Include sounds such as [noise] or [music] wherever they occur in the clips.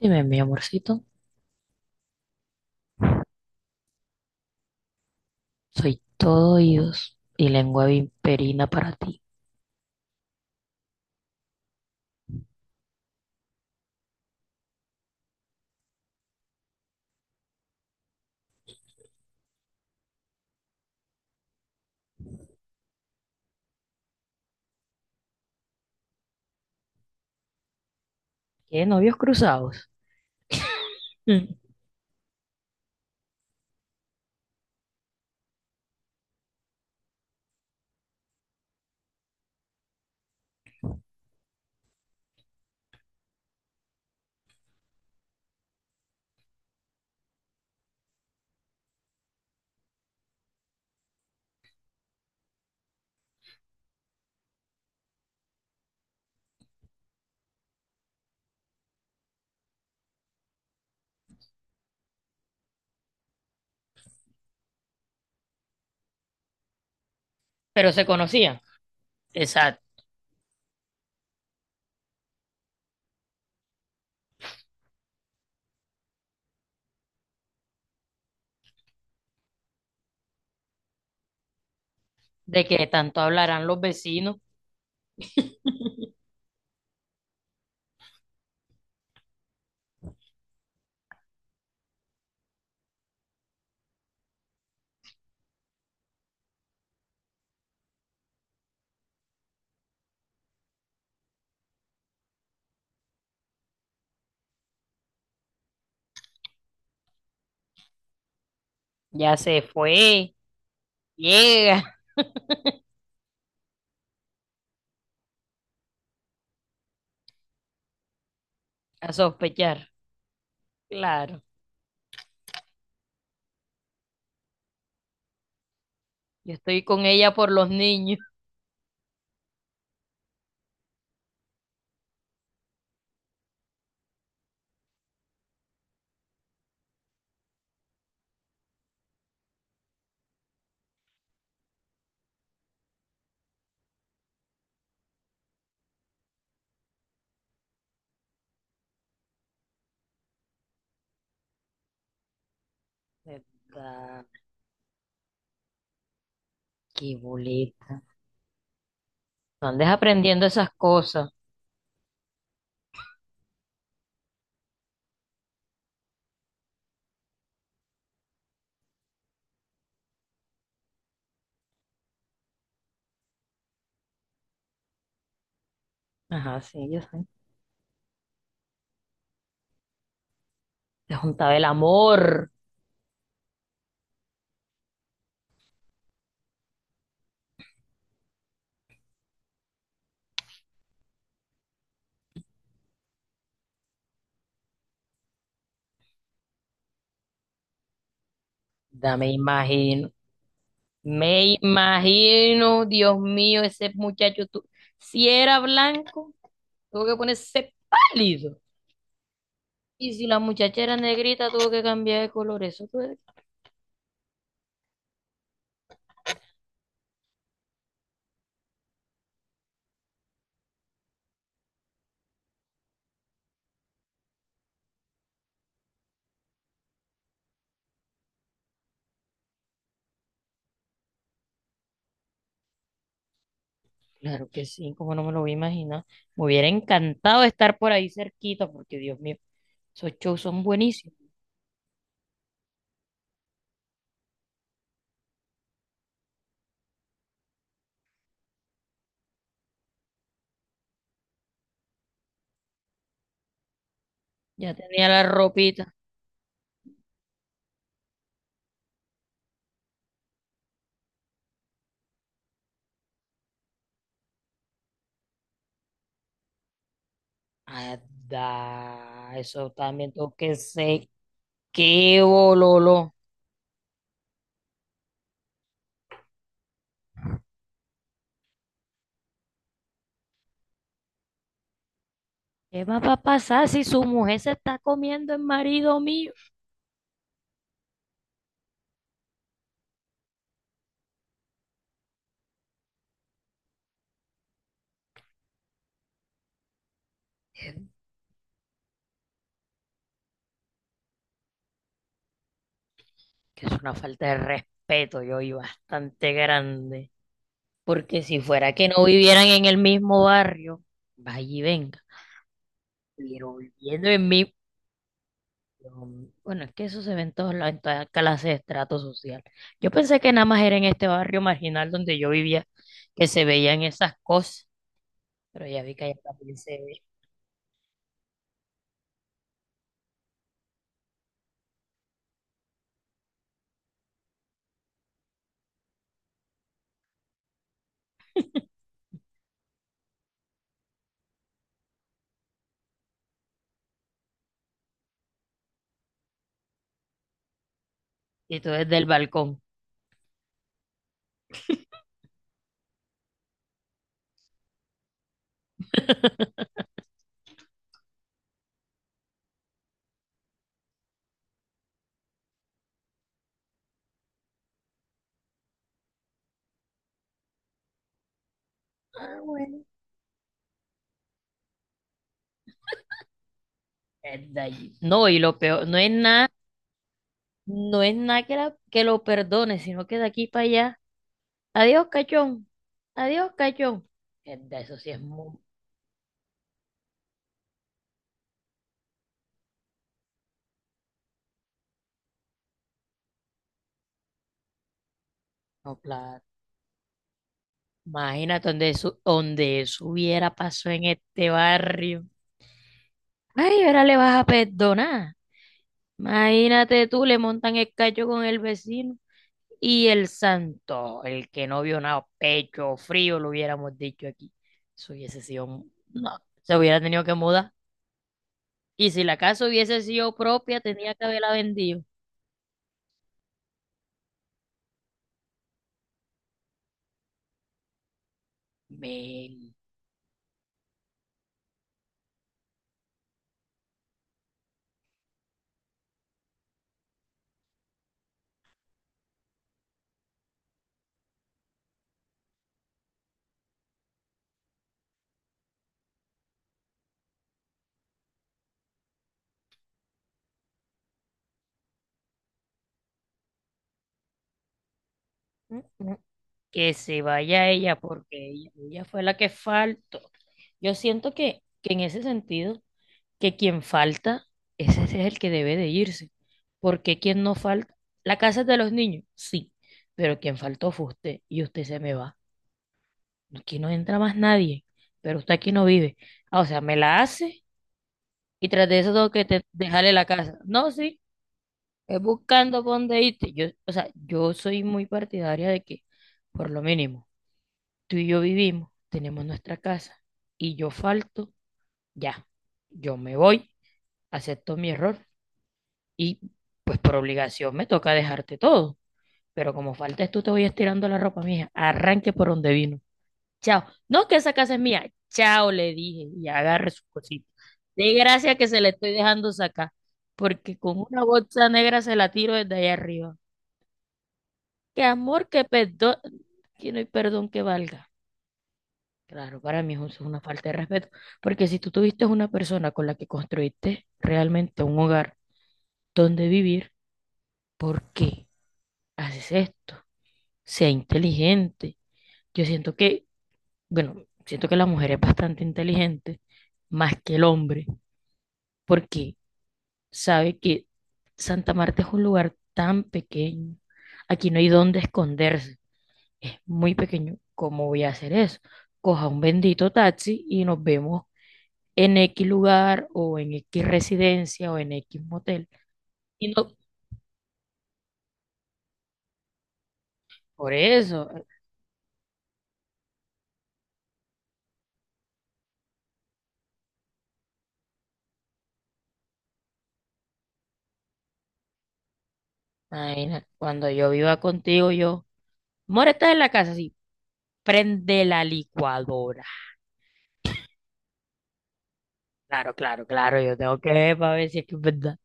Dime, mi amorcito, soy todo oídos y lengua vimperina para ti. ¿Qué novios cruzados? Mm, Pero se conocían. Exacto. De que tanto hablarán los vecinos. Ya se fue. Llega a sospechar. Claro. Yo estoy con ella por los niños. ¿Verdad? Qué boleta. No andes aprendiendo esas cosas. Ajá, sí, yo sé. Te juntaba el amor. Ya me imagino. Me imagino, Dios mío, ese muchacho, tú, si era blanco, tuvo que ponerse pálido. Y si la muchacha era negrita, tuvo que cambiar de color. Eso fue- Claro que sí, como no me lo voy a imaginar. Me hubiera encantado estar por ahí cerquita, porque Dios mío, esos shows son buenísimos. Ya tenía la ropita. Ada, eso también tengo que sé qué bololo. ¿Qué más va a pasar si su mujer se está comiendo el marido mío? Que es una falta de respeto, yo, y bastante grande. Porque si fuera que no vivieran en el mismo barrio, vaya y venga. Pero viviendo en mi... Bueno, es que eso se ve en todas las en toda clase de estrato social. Yo pensé que nada más era en este barrio marginal donde yo vivía que se veían esas cosas, pero ya vi que allá también se ve. Y todo desde el balcón. [laughs] Ah, bueno. Es de allí. No, y lo peor, no es nada, no es nada que, la- que lo perdone, sino que de aquí para allá. Adiós, cachón. Adiós, cachón. De eso sí es muy... No, claro. Imagínate donde eso hubiera pasado en este barrio. Ay, ahora le vas a perdonar. Imagínate tú, le montan el cacho con el vecino. Y el santo, el que no vio nada, pecho frío, lo hubiéramos dicho aquí. Eso hubiese sido... un- No, se hubiera tenido que mudar. Y si la casa hubiese sido propia, tenía que haberla vendido. Men. Que se vaya ella, porque ella fue la que faltó. Yo siento que en ese sentido, que quien falta, ese es el que debe de irse, porque quien no falta, la casa es de los niños, sí, pero quien faltó fue usted y usted se me va. Aquí no entra más nadie, pero usted aquí no vive. Ah, o sea, me la hace y tras de eso tengo que te- dejarle la casa. No, sí, es buscando por dónde irte. Yo, o sea, yo soy muy partidaria de que, por lo mínimo, tú y yo vivimos, tenemos nuestra casa y yo falto, ya, yo me voy, acepto mi error y pues por obligación me toca dejarte todo. Pero como faltas tú, te voy estirando la ropa, mija. Arranque por donde vino. Chao. No, que esa casa es mía. Chao, le dije y agarre sus cositas. De gracia que se le estoy dejando sacar, porque con una bolsa negra se la tiro desde allá arriba. Que amor, que perdón, que no hay perdón que valga. Claro, para mí eso es una falta de respeto, porque si tú tuviste una persona con la que construiste realmente un hogar donde vivir, ¿por qué haces esto? Sea inteligente. Yo siento que, bueno, siento que la mujer es bastante inteligente, más que el hombre, porque sabe que Santa Marta es un lugar tan pequeño, aquí no hay dónde esconderse, es muy pequeño. ¿Cómo voy a hacer eso? Coja un bendito taxi y nos vemos en X lugar o en X residencia o en X motel. Y no, por eso, imagina, cuando yo viva contigo, yo, amor, estás en la casa, sí, prende la licuadora. Claro, claro, claro, yo tengo que ver para ver si es que es verdad.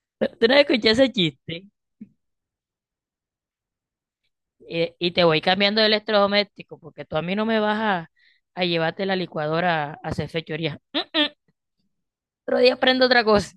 [laughs] Tú no escuché ese chiste. Y te voy cambiando de electrodoméstico porque tú a mí no me vas a llevarte la licuadora a hacer fechorías. Otro día prendo otra cosa.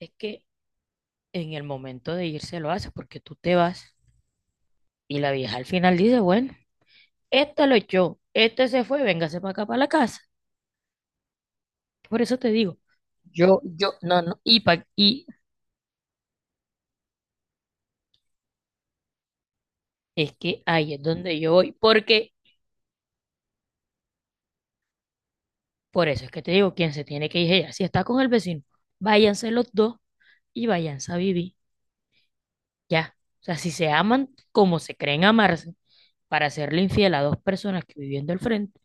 Es que en el momento de irse lo haces porque tú te vas y la vieja al final dice, bueno. Este lo echó, este se fue, véngase para acá, para la casa. Por eso te digo, yo, no, no, y, pa- y es que ahí es donde yo voy, porque por eso es que te digo, quien se tiene que ir es ella. Si está con el vecino, váyanse los dos y váyanse a vivir, ya. O sea, si se aman como se creen amarse, para hacerle infiel a dos personas que viviendo al frente,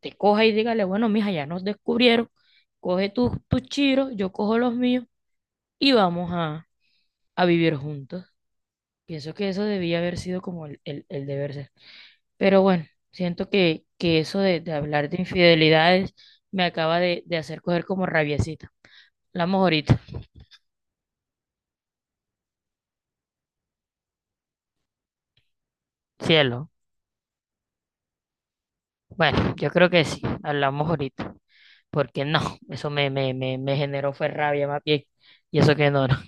te coja y dígale, bueno, mija, ya nos descubrieron, coge tus chiros, yo cojo los míos y vamos a vivir juntos. Pienso que eso debía haber sido como el deber ser. Pero bueno, siento que eso de hablar de infidelidades me acaba de hacer coger como rabiecita. Hablamos ahorita. Cielo. Bueno, yo creo que sí, hablamos ahorita. Porque no, eso me, me, me, me generó fue rabia más bien. Y eso que no. No.